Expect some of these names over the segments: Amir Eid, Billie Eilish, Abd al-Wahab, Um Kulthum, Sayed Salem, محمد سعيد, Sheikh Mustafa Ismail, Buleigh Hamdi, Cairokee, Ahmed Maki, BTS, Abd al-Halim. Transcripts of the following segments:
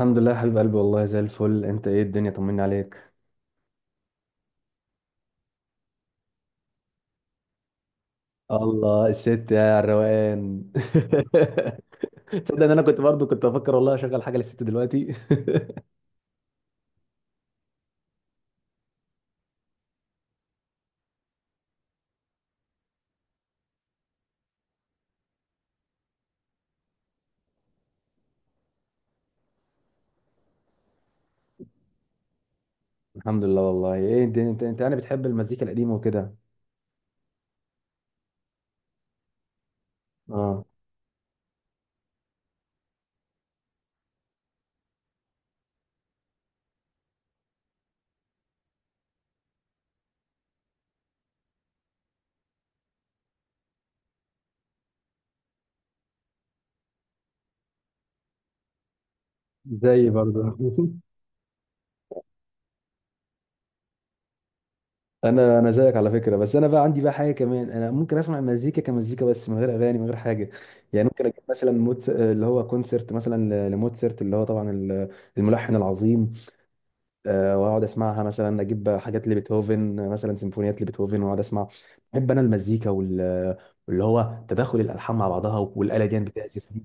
الحمد لله يا حبيب قلبي، والله زي الفل. انت ايه الدنيا، طمني عليك. الله الست يا الروقان. تصدق ان انا كنت برضو افكر والله اشغل حاجه للست دلوقتي. الحمد لله والله. ايه انت يعني بتحب المزيكا القديمه وكده؟ اه، زي برضو. انا زيك على فكره، بس انا بقى عندي بقى حاجه كمان. انا ممكن اسمع المزيكا كمزيكا بس، من غير اغاني من غير حاجه. يعني ممكن اجيب مثلا موتس... آه، اللي هو كونسرت مثلا لموتسرت، اللي هو طبعا الملحن العظيم. واقعد اسمعها. مثلا اجيب حاجات لبيتهوفن، مثلا سيمفونيات لبيتهوفن واقعد اسمع. بحب انا المزيكا واللي هو تداخل الالحان مع بعضها، والاله دي بتعزف دي.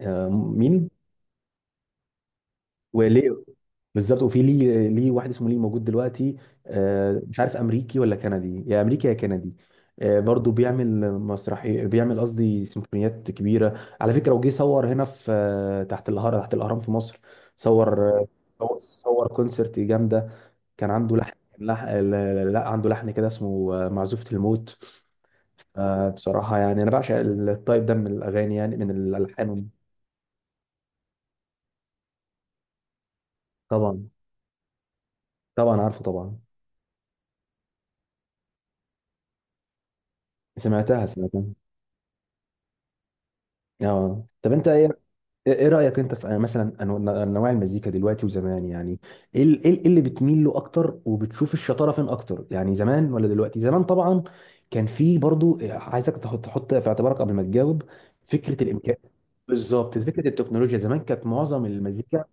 مين؟ وليه؟ بالظبط. وفي ليه واحد اسمه ليه موجود دلوقتي، مش عارف امريكي ولا كندي، يا امريكي يا كندي. برضه بيعمل مسرحي، بيعمل قصدي سيمفونيات كبيره على فكره. وجي صور هنا في، تحت الهرم، تحت الاهرام في مصر. صور، صور كونسرت جامده. كان عنده لحن، لح... لا لا، عنده لحن كده اسمه معزوفة الموت. بصراحة يعني أنا بعشق التايب ده من الأغاني، يعني من الألحان. طبعا. طبعا عارفه طبعا. سمعتها سمعتها. اه. طب أنت إيه؟ إيه رأيك أنت في، مثلا أنواع المزيكا دلوقتي وزمان، يعني إيه اللي بتميل له أكتر وبتشوف الشطارة فين أكتر؟ يعني زمان ولا دلوقتي؟ زمان طبعا. كان في برضو، عايزك تحط في اعتبارك قبل ما تجاوب، فكرة الإمكان. بالظبط، فكره التكنولوجيا. زمان كانت معظم المزيكا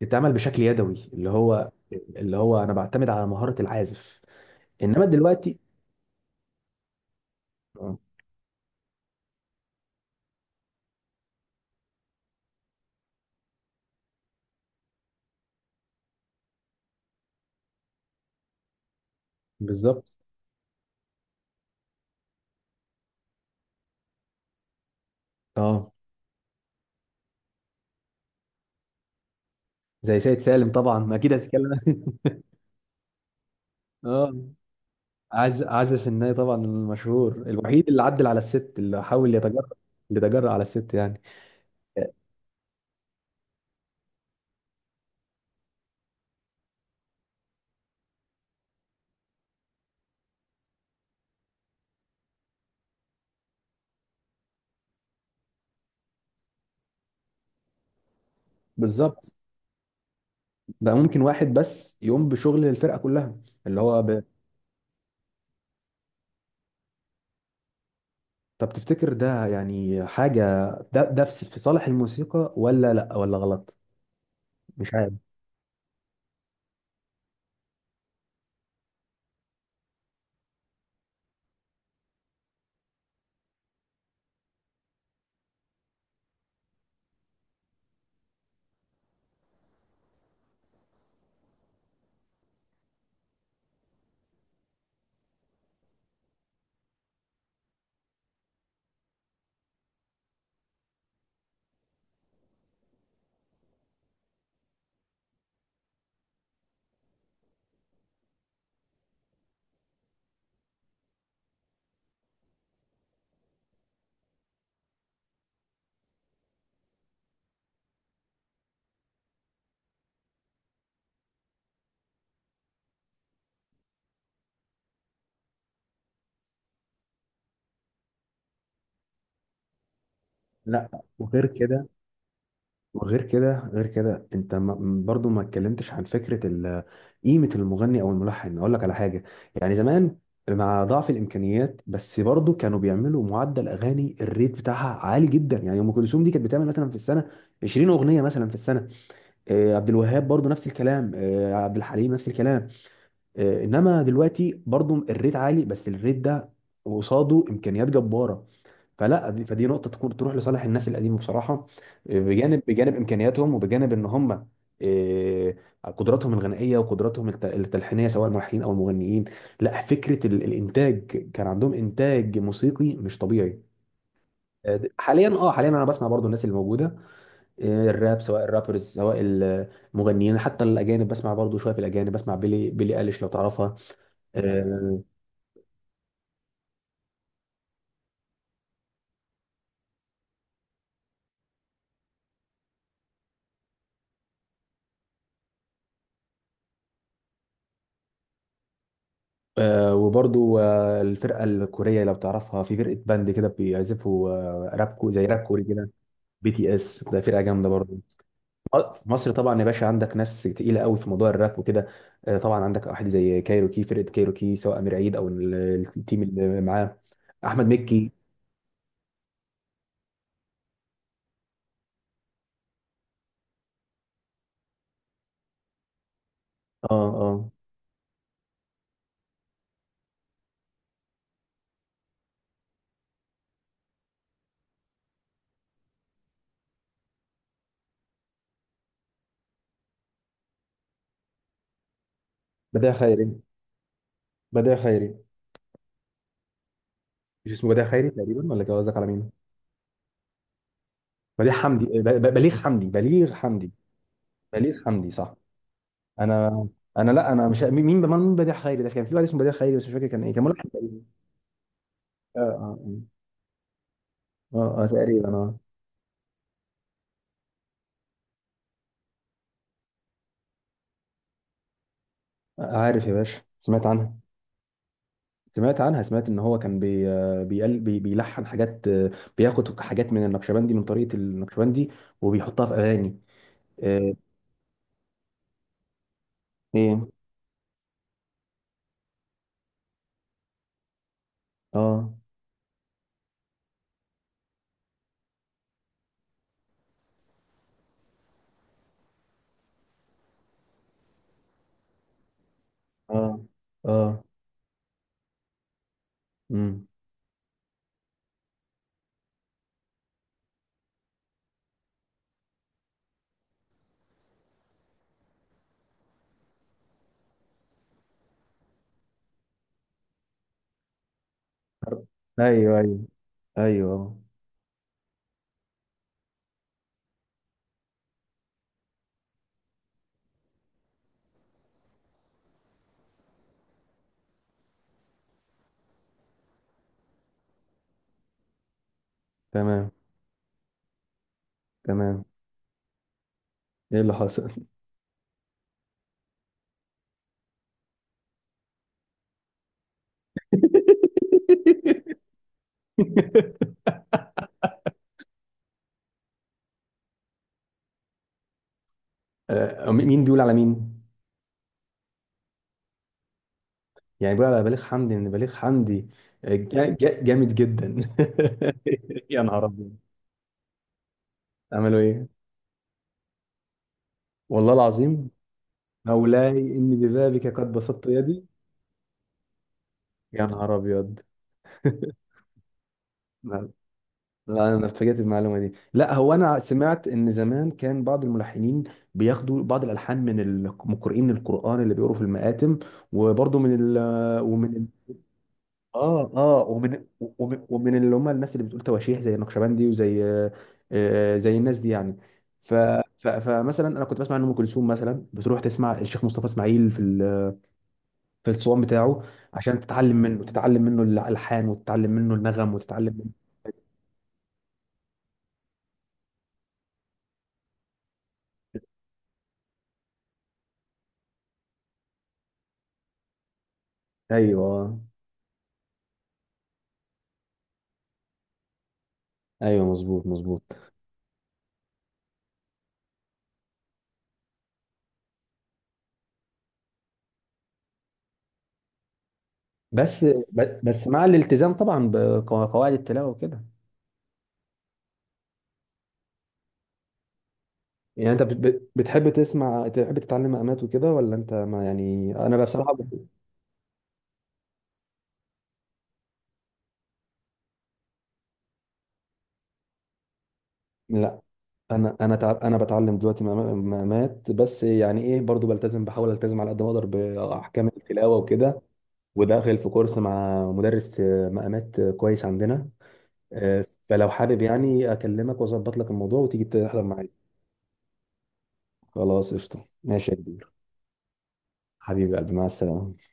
بتتعمل بشكل يدوي، اللي هو انا بعتمد على مهارة العازف. انما دلوقتي، آه، بالظبط. اه، زي سيد سالم طبعا اكيد هتتكلم. اه، عازف الناي طبعا، المشهور الوحيد اللي عدل على الست، اللي حاول يتجرأ، اللي تجرأ على الست يعني. بالظبط. بقى ممكن واحد بس يقوم بشغل الفرقة كلها، اللي هو ب... طب تفتكر ده يعني حاجة؟ ده في صالح الموسيقى ولا لا، ولا غلط؟ مش عارف. لا، وغير كده، وغير كده، غير كده انت برضو ما اتكلمتش عن فكره قيمه المغني او الملحن. اقول لك على حاجه، يعني زمان مع ضعف الامكانيات، بس برضو كانوا بيعملوا معدل اغاني، الريت بتاعها عالي جدا. يعني ام كلثوم دي كانت بتعمل مثلا في السنه 20 اغنيه مثلا في السنه، عبد الوهاب برضو نفس الكلام، عبد الحليم نفس الكلام. انما دلوقتي برضو الريت عالي، بس الريت ده قصاده امكانيات جباره. فلا دي فدي نقطه تكون تروح لصالح الناس القديمه بصراحه، بجانب امكانياتهم، وبجانب ان هم، إيه، قدراتهم الغنائيه وقدراتهم التلحينيه، سواء الملحنين او المغنيين. لا، فكره الانتاج. كان عندهم انتاج موسيقي مش طبيعي. حاليا، اه حاليا انا بسمع برضو الناس اللي موجوده، الراب سواء الرابرز سواء المغنيين. حتى الاجانب بسمع برضو شويه. في الاجانب بسمع بيلي، بيلي اليش لو تعرفها. آه، آه. وبرضو آه، الفرقة الكورية لو تعرفها، في فرقة باند كده بيعزفوا آه، راب كو، زي راب كوري كده. بي تي اس ده فرقة جامدة برضو. في مصر طبعا يا باشا، عندك ناس تقيلة قوي في موضوع الراب وكده. آه طبعا، عندك واحد زي كايروكي، فرقة كايروكي، سواء أمير عيد أو التيم اللي معاه. أحمد مكي. اه اه. بديع خيري. بديع خيري. مش اسمه بديع خيري تقريبا؟ ولا قصدك على مين؟ بديع حمدي، بليغ حمدي، بليغ حمدي. بليغ حمدي صح. انا انا لا انا مش، مين بديع خيري ده؟ كان في واحد اسمه بديع خيري بس مش فاكر كان ايه، كان ملحن. اه اه اه. تقريبا اه. عارف يا باشا، سمعت عنها، سمعت عنها. سمعت ان هو كان بي آه، بيقل بي بيلحن حاجات، بياخد حاجات من النقشبندي، من طريقة النقشبندي، وبيحطها في اغاني. آه، ايه. اه اه اه. امم. ايوه ايوه ايوه. تمام تمام. ايه اللي حصل؟ مين بيقول على مين؟ يعني بيقول على بليغ حمدي ان بليغ حمدي، جامد جدا. يا نهار ابيض، عملوا ايه؟ والله العظيم. مولاي، اني ببابك قد بسطت يدي. يا نهار ابيض. لا، انا اتفاجئت بالمعلومه دي. لا هو انا سمعت ان زمان كان بعض الملحنين بياخدوا بعض الالحان من القارئين القران اللي بيقروا في المآتم، وبرضه من ومن اه اه، ومن ومن اللي هم الناس اللي بتقول تواشيح زي النقشبندي وزي، زي الناس دي يعني. ف ف فمثلا انا كنت بسمع ان ام كلثوم مثلا بتروح تسمع الشيخ مصطفى اسماعيل في في الصوان بتاعه، عشان تتعلم منه، الالحان، وتتعلم منه النغم، وتتعلم منه. ايوه ايوه، مظبوط مظبوط. بس مع الالتزام طبعا بقواعد التلاوه وكده. يعني انت بتحب تسمع، تحب تتعلم مقامات وكده؟ ولا انت ما، يعني انا بقى بصراحه ب-. لا، انا بتعلم دلوقتي مقامات، بس يعني ايه برضو بلتزم، بحاول التزم على قد ما اقدر باحكام التلاوه وكده. وداخل في كورس مع مدرس مقامات، كويس، عندنا، فلو حابب يعني اكلمك واظبط لك الموضوع وتيجي تحضر معايا. خلاص قشطه، ماشي يا كبير. حبيبي يا قلبي، مع السلامه.